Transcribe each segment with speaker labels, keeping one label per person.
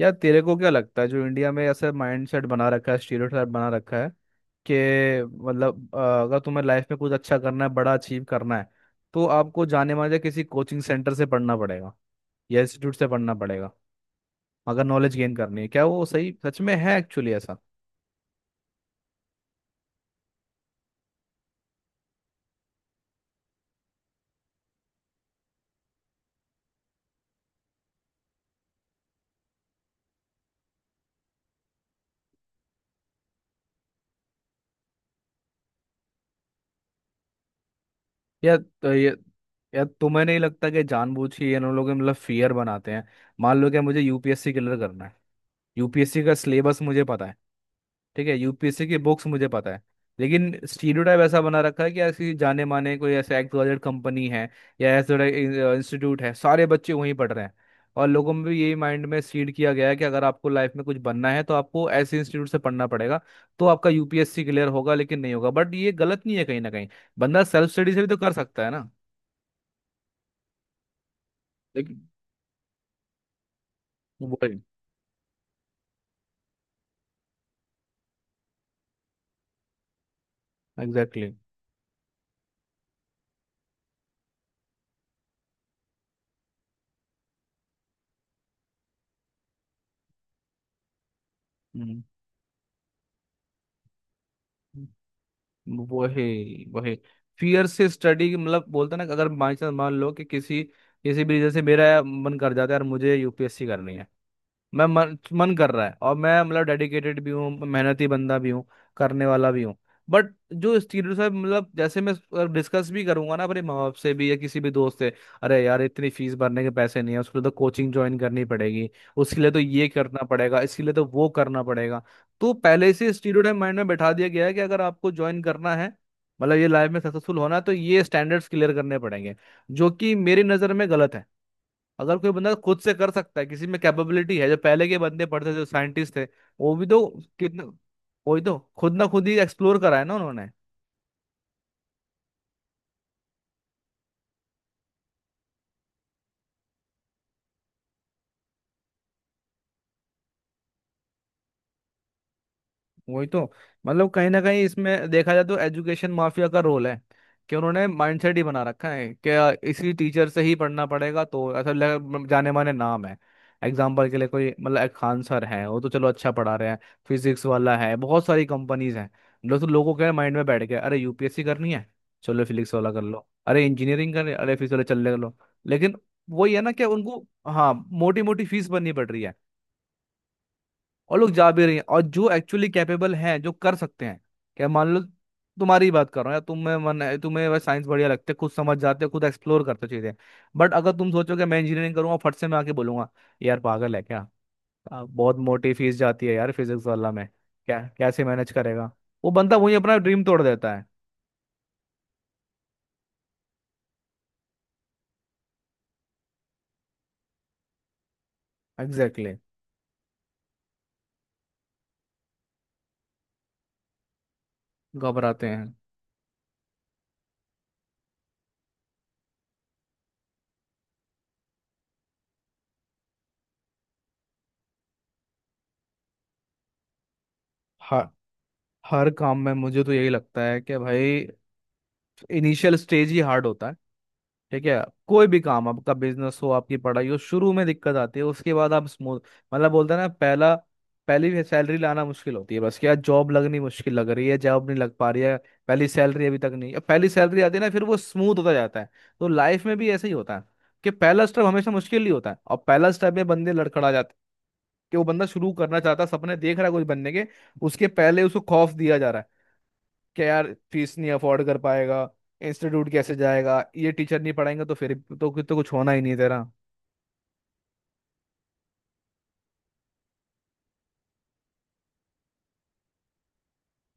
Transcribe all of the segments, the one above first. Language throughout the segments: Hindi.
Speaker 1: यार तेरे को क्या लगता है जो इंडिया में ऐसा माइंडसेट बना रखा है, स्टीरियोटाइप बना रखा है कि मतलब अगर तुम्हें लाइफ में कुछ अच्छा करना है, बड़ा अचीव करना है तो आपको जाने माने किसी कोचिंग सेंटर से पढ़ना पड़ेगा या इंस्टीट्यूट से पढ़ना पड़ेगा. अगर नॉलेज गेन करनी है, क्या वो सही सच में है, एक्चुअली ऐसा? या तो ये या तुम्हें नहीं लगता कि जानबूझ के ये इन लोग मतलब फियर बनाते हैं. मान लो कि मुझे यूपीएससी क्लियर करना है. यूपीएससी का सिलेबस मुझे पता है. ठीक है, यूपीएससी की बुक्स मुझे पता है. लेकिन स्टीरियोटाइप ऐसा बना रखा है कि ऐसी जाने माने कोई ऐसे एक्सवाइजेड कंपनी है या ऐसा इंस्टीट्यूट है, सारे बच्चे वहीं पढ़ रहे हैं. और लोगों में भी यही माइंड में सीड किया गया है कि अगर आपको लाइफ में कुछ बनना है तो आपको ऐसे इंस्टीट्यूट से पढ़ना पड़ेगा तो आपका यूपीएससी क्लियर होगा, लेकिन नहीं होगा. बट ये गलत नहीं है कहीं ना कहीं. बंदा सेल्फ स्टडी से भी तो कर सकता है ना. लेकिन वही. एग्जैक्टली. हम्म. वही वही. फियर से स्टडी, मतलब बोलते हैं ना कि अगर बाई चांस मान लो कि किसी किसी भी रीजन से मेरा मन कर जाता है यार मुझे यूपीएससी करनी है. मैं मन मन कर रहा है और मैं मतलब डेडिकेटेड भी हूँ, मेहनती बंदा भी हूँ, करने वाला भी हूँ. बट जो स्टीरियो है, मतलब जैसे मैं डिस्कस भी करूंगा ना अपने माँ बाप से भी या किसी भी दोस्त से, अरे यार इतनी फीस भरने के पैसे नहीं है. उसके लिए तो कोचिंग ज्वाइन करनी पड़ेगी, उसके लिए तो ये करना पड़ेगा, इसके लिए तो वो करना पड़ेगा. तो पहले से स्टीरियो माइंड में बैठा दिया गया है कि अगर आपको ज्वाइन करना है, मतलब ये लाइफ में सक्सेसफुल होना है तो ये स्टैंडर्ड्स क्लियर करने पड़ेंगे, जो कि मेरी नज़र में गलत है. अगर कोई बंदा खुद से कर सकता है, किसी में कैपेबिलिटी है, जो पहले के बंदे पढ़ते थे जो साइंटिस्ट थे, वो भी तो कितना. वही तो खुद ना खुद ही एक्सप्लोर करा है ना उन्होंने. वही तो. मतलब कहीं ना कहीं इसमें देखा जाए तो एजुकेशन माफिया का रोल है कि उन्होंने माइंडसेट ही बना रखा है कि इसी टीचर से ही पढ़ना पड़ेगा तो ऐसा जाने माने नाम है. एग्जाम्पल के लिए, कोई मतलब, एक खान सर है वो तो चलो अच्छा पढ़ा रहे हैं. फिजिक्स वाला है, बहुत सारी कंपनीज हैं. मतलब तो लोगों के माइंड में बैठ गया, अरे यूपीएससी करनी है चलो फिजिक्स वाला कर लो, अरे इंजीनियरिंग करनी है, अरे फिजिक्स वाला चल ले कर लो. लेकिन वही है ना कि उनको हाँ मोटी मोटी फीस भरनी पड़ रही है और लोग जा भी रही हैं. और जो एक्चुअली कैपेबल हैं जो कर सकते हैं, क्या मान लो, तुम्हारी ही बात कर रहा हूँ, या तुम्हें मन है, तुम्हें वह साइंस बढ़िया लगते है, खुद समझ जाते हो, खुद एक्सप्लोर करते हो चीजें. बट अगर तुम सोचो कि मैं इंजीनियरिंग करूंगा, फट से मैं आके बोलूंगा, यार पागल है क्या, बहुत मोटी फीस जाती है यार फिजिक्स वाला में. क्या, कैसे मैनेज करेगा. वो बंदा वही अपना ड्रीम तोड़ देता है. Exactly exactly. घबराते हैं. हर हर काम में मुझे तो यही लगता है कि भाई इनिशियल स्टेज ही हार्ड होता है. ठीक है. कोई भी काम आपका, बिजनेस हो आपकी पढ़ाई हो, शुरू में दिक्कत आती है, उसके बाद आप स्मूथ. मतलब बोलते हैं ना, पहला पहली सैलरी लाना मुश्किल होती है, बस क्या जॉब लगनी मुश्किल लग रही है, जॉब नहीं लग पा रही है, पहली सैलरी अभी तक नहीं. अब पहली सैलरी आती है ना फिर वो स्मूथ होता जाता है. तो लाइफ में भी ऐसा ही होता है कि पहला स्टेप हमेशा मुश्किल ही होता है और पहला स्टेप में बंदे लड़खड़ा जाते हैं. कि वो बंदा शुरू करना चाहता है, सपने देख रहा है कुछ बनने के, उसके पहले उसको खौफ दिया जा रहा है कि यार फीस नहीं अफोर्ड कर पाएगा, इंस्टीट्यूट कैसे जाएगा, ये टीचर नहीं पढ़ाएंगे, तो कुछ होना ही नहीं तेरा.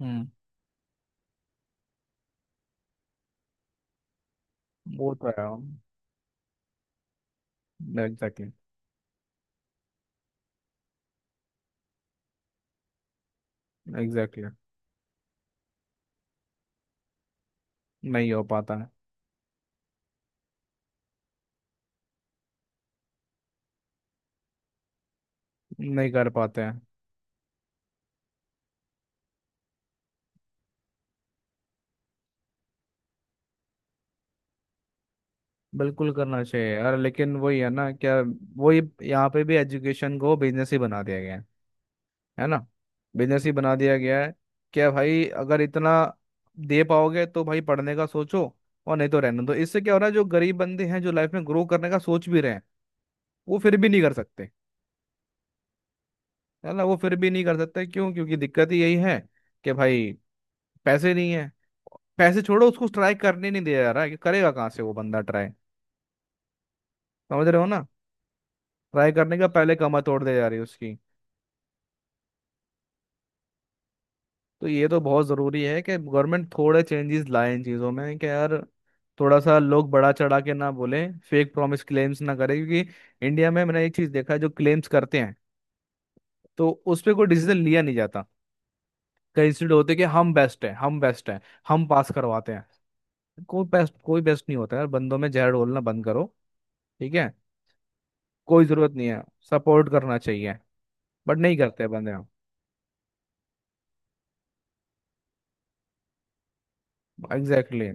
Speaker 1: हम्म. वो तो है. एग्जैक्टली. एग्जैक्टली. नहीं हो पाता है. नहीं कर पाते हैं. बिल्कुल करना चाहिए यार, लेकिन वही है ना क्या. वही. यहाँ पे भी एजुकेशन को बिजनेस ही बना दिया गया है ना. बिजनेस ही बना दिया गया है. क्या भाई अगर इतना दे पाओगे तो भाई पढ़ने का सोचो, और नहीं तो रहने दो. इससे क्या हो रहा है, जो गरीब बंदे हैं जो लाइफ में ग्रो करने का सोच भी रहे हैं, वो फिर भी नहीं कर सकते. है ना, वो फिर भी नहीं कर सकते. क्यों? क्योंकि दिक्कत ही यही है कि भाई पैसे नहीं है. पैसे छोड़ो, उसको ट्राई करने नहीं दिया जा रहा है. कि करेगा कहाँ से वो बंदा ट्राई. समझ रहे हो ना. ट्राई करने का पहले कमर तोड़ दे जा रही है उसकी. तो ये तो बहुत ज़रूरी है कि गवर्नमेंट थोड़े चेंजेस लाए इन चीज़ों में कि यार थोड़ा सा लोग बड़ा चढ़ा के ना बोले, फेक प्रॉमिस क्लेम्स ना करें. क्योंकि इंडिया में मैंने एक चीज़ देखा है, जो क्लेम्स करते हैं तो उस पर कोई डिसीजन लिया नहीं जाता. कई इंस्टीट्यूट होते हैं कि हम बेस्ट हैं, हम बेस्ट हैं, हम पास करवाते हैं. कोई बेस्ट, कोई बेस्ट नहीं होता यार. बंदों में जहर घोलना बंद करो. ठीक है. कोई जरूरत नहीं है. सपोर्ट करना चाहिए, बट नहीं करते बंदे. एग्जैक्टली.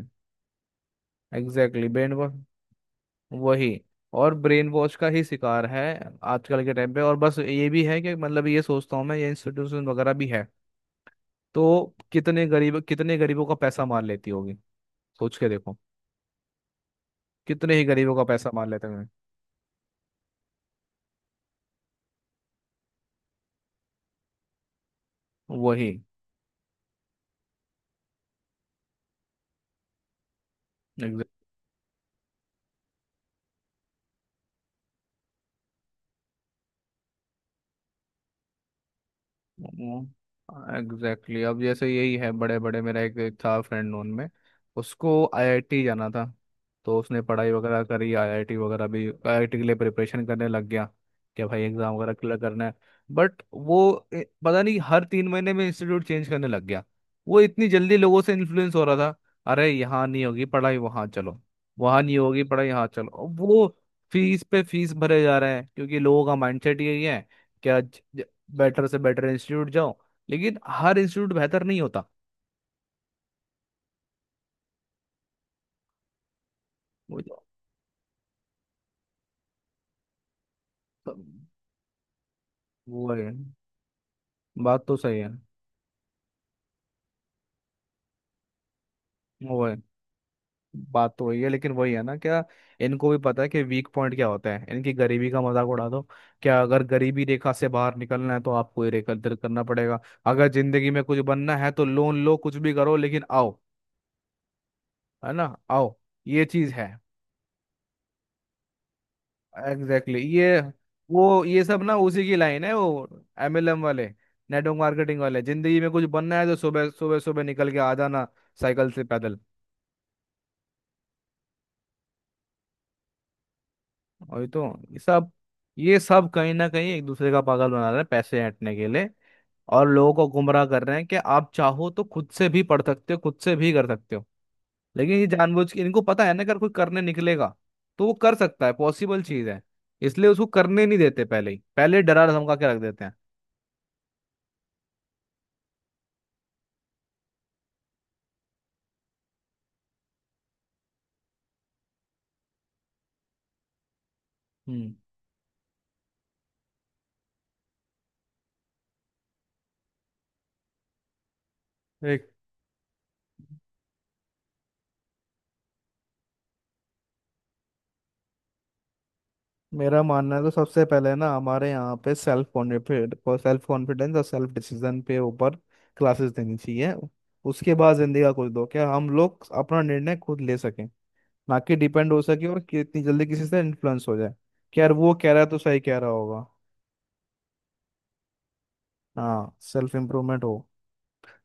Speaker 1: Exactly brainwash. वही. और ब्रेन वॉश का ही शिकार है आजकल के टाइम पे. और बस ये भी है कि मतलब ये सोचता हूँ मैं, ये इंस्टीट्यूशन वगैरह भी है तो कितने गरीब, कितने गरीबों का पैसा मार लेती होगी. सोच के देखो, कितने ही गरीबों का पैसा मार लेते हैं. वही. Exactly exactly. अब जैसे यही है बड़े बड़े, मेरा एक एक था फ्रेंड नोन में. उसको आईआईटी जाना था. तो उसने पढ़ाई वगैरह करी, आईआईटी वगैरह भी, आईआईटी के लिए प्रिपरेशन करने लग गया कि भाई एग्जाम वगैरह क्लियर करना है. बट वो पता नहीं हर 3 महीने में इंस्टीट्यूट चेंज करने लग गया. वो इतनी जल्दी लोगों से इन्फ्लुएंस हो रहा था, अरे यहाँ नहीं होगी पढ़ाई वहाँ चलो, वहाँ नहीं होगी पढ़ाई यहाँ चलो, और वो फीस पे फीस भरे जा रहे हैं क्योंकि लोगों का माइंडसेट यही है. क्या, बेटर से बेटर इंस्टीट्यूट जाओ, लेकिन हर इंस्टीट्यूट बेहतर नहीं होता. वो जो- वो है. बात तो सही है. वो है. बात तो वही है, लेकिन वही है ना क्या. इनको भी पता है कि वीक पॉइंट क्या होता है, इनकी गरीबी का मजाक उड़ा दो. क्या, अगर गरीबी रेखा से बाहर निकलना है तो आपको ही रेखा दर करना पड़ेगा. अगर जिंदगी में कुछ बनना है तो लोन लो, कुछ भी करो, लेकिन आओ. है ना, आओ. ये चीज है. Exactly exactly. ये. वो ये सब ना उसी की लाइन है वो, एमएलएम वाले, नेटवर्क मार्केटिंग वाले, जिंदगी में कुछ बनना है तो सुबह सुबह सुबह निकल के आ जाना साइकिल से पैदल. और ये तो, ये सब, ये सब कहीं ना कहीं एक दूसरे का पागल बना रहे हैं पैसे ऐंठने के लिए और लोगों को गुमराह कर रहे हैं कि आप चाहो तो खुद से भी पढ़ सकते हो, खुद से भी कर सकते हो. लेकिन ये जानबूझ के इनको पता है ना अगर कोई करने निकलेगा तो वो कर सकता है, पॉसिबल चीज है. इसलिए उसको करने नहीं देते, पहले ही पहले डरा धमका के रख देते हैं. हम्म. मेरा मानना है तो सबसे पहले ना हमारे यहाँ पे सेल्फ कॉन्फिडेंस, सेल्फ कॉन्फिडेंस और सेल्फ डिसीजन पे ऊपर क्लासेस देनी चाहिए. उसके बाद जिंदगी का कुछ दो क्या, हम लोग अपना निर्णय खुद ले सकें, ना कि डिपेंड हो सके, और कितनी जल्दी किसी से इन्फ्लुएंस हो जाए कि यार वो कह रहा है तो सही कह रहा होगा. हाँ सेल्फ इम्प्रूवमेंट हो.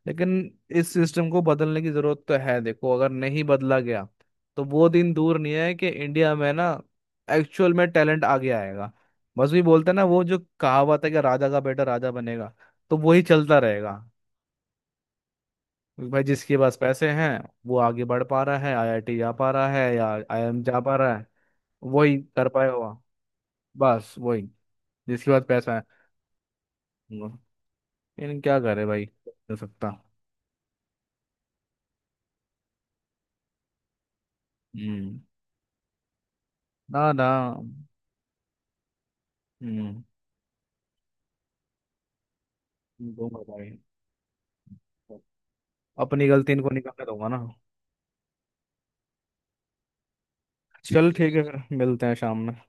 Speaker 1: लेकिन इस सिस्टम को बदलने की जरूरत तो है. देखो, अगर नहीं बदला गया तो वो दिन दूर नहीं है कि इंडिया में ना एक्चुअल में टैलेंट आगे आएगा. बस भी बोलते हैं ना वो जो कहावत है कि राजा का बेटा राजा बनेगा, तो वही चलता रहेगा. भाई जिसके पास पैसे हैं वो आगे बढ़ पा रहा है, आईआईटी जा पा रहा है या आईआईएम जा पा रहा है. वही कर पाया हुआ. बस वही, जिसके पास पैसा है. हम्म. लेकिन क्या करे भाई कर सकता. हम्म. ना ना. हम्म. दूंगा भाई, अपनी गलती इनको नहीं करने दूंगा ना. चल ठीक है फिर मिलते हैं शाम में.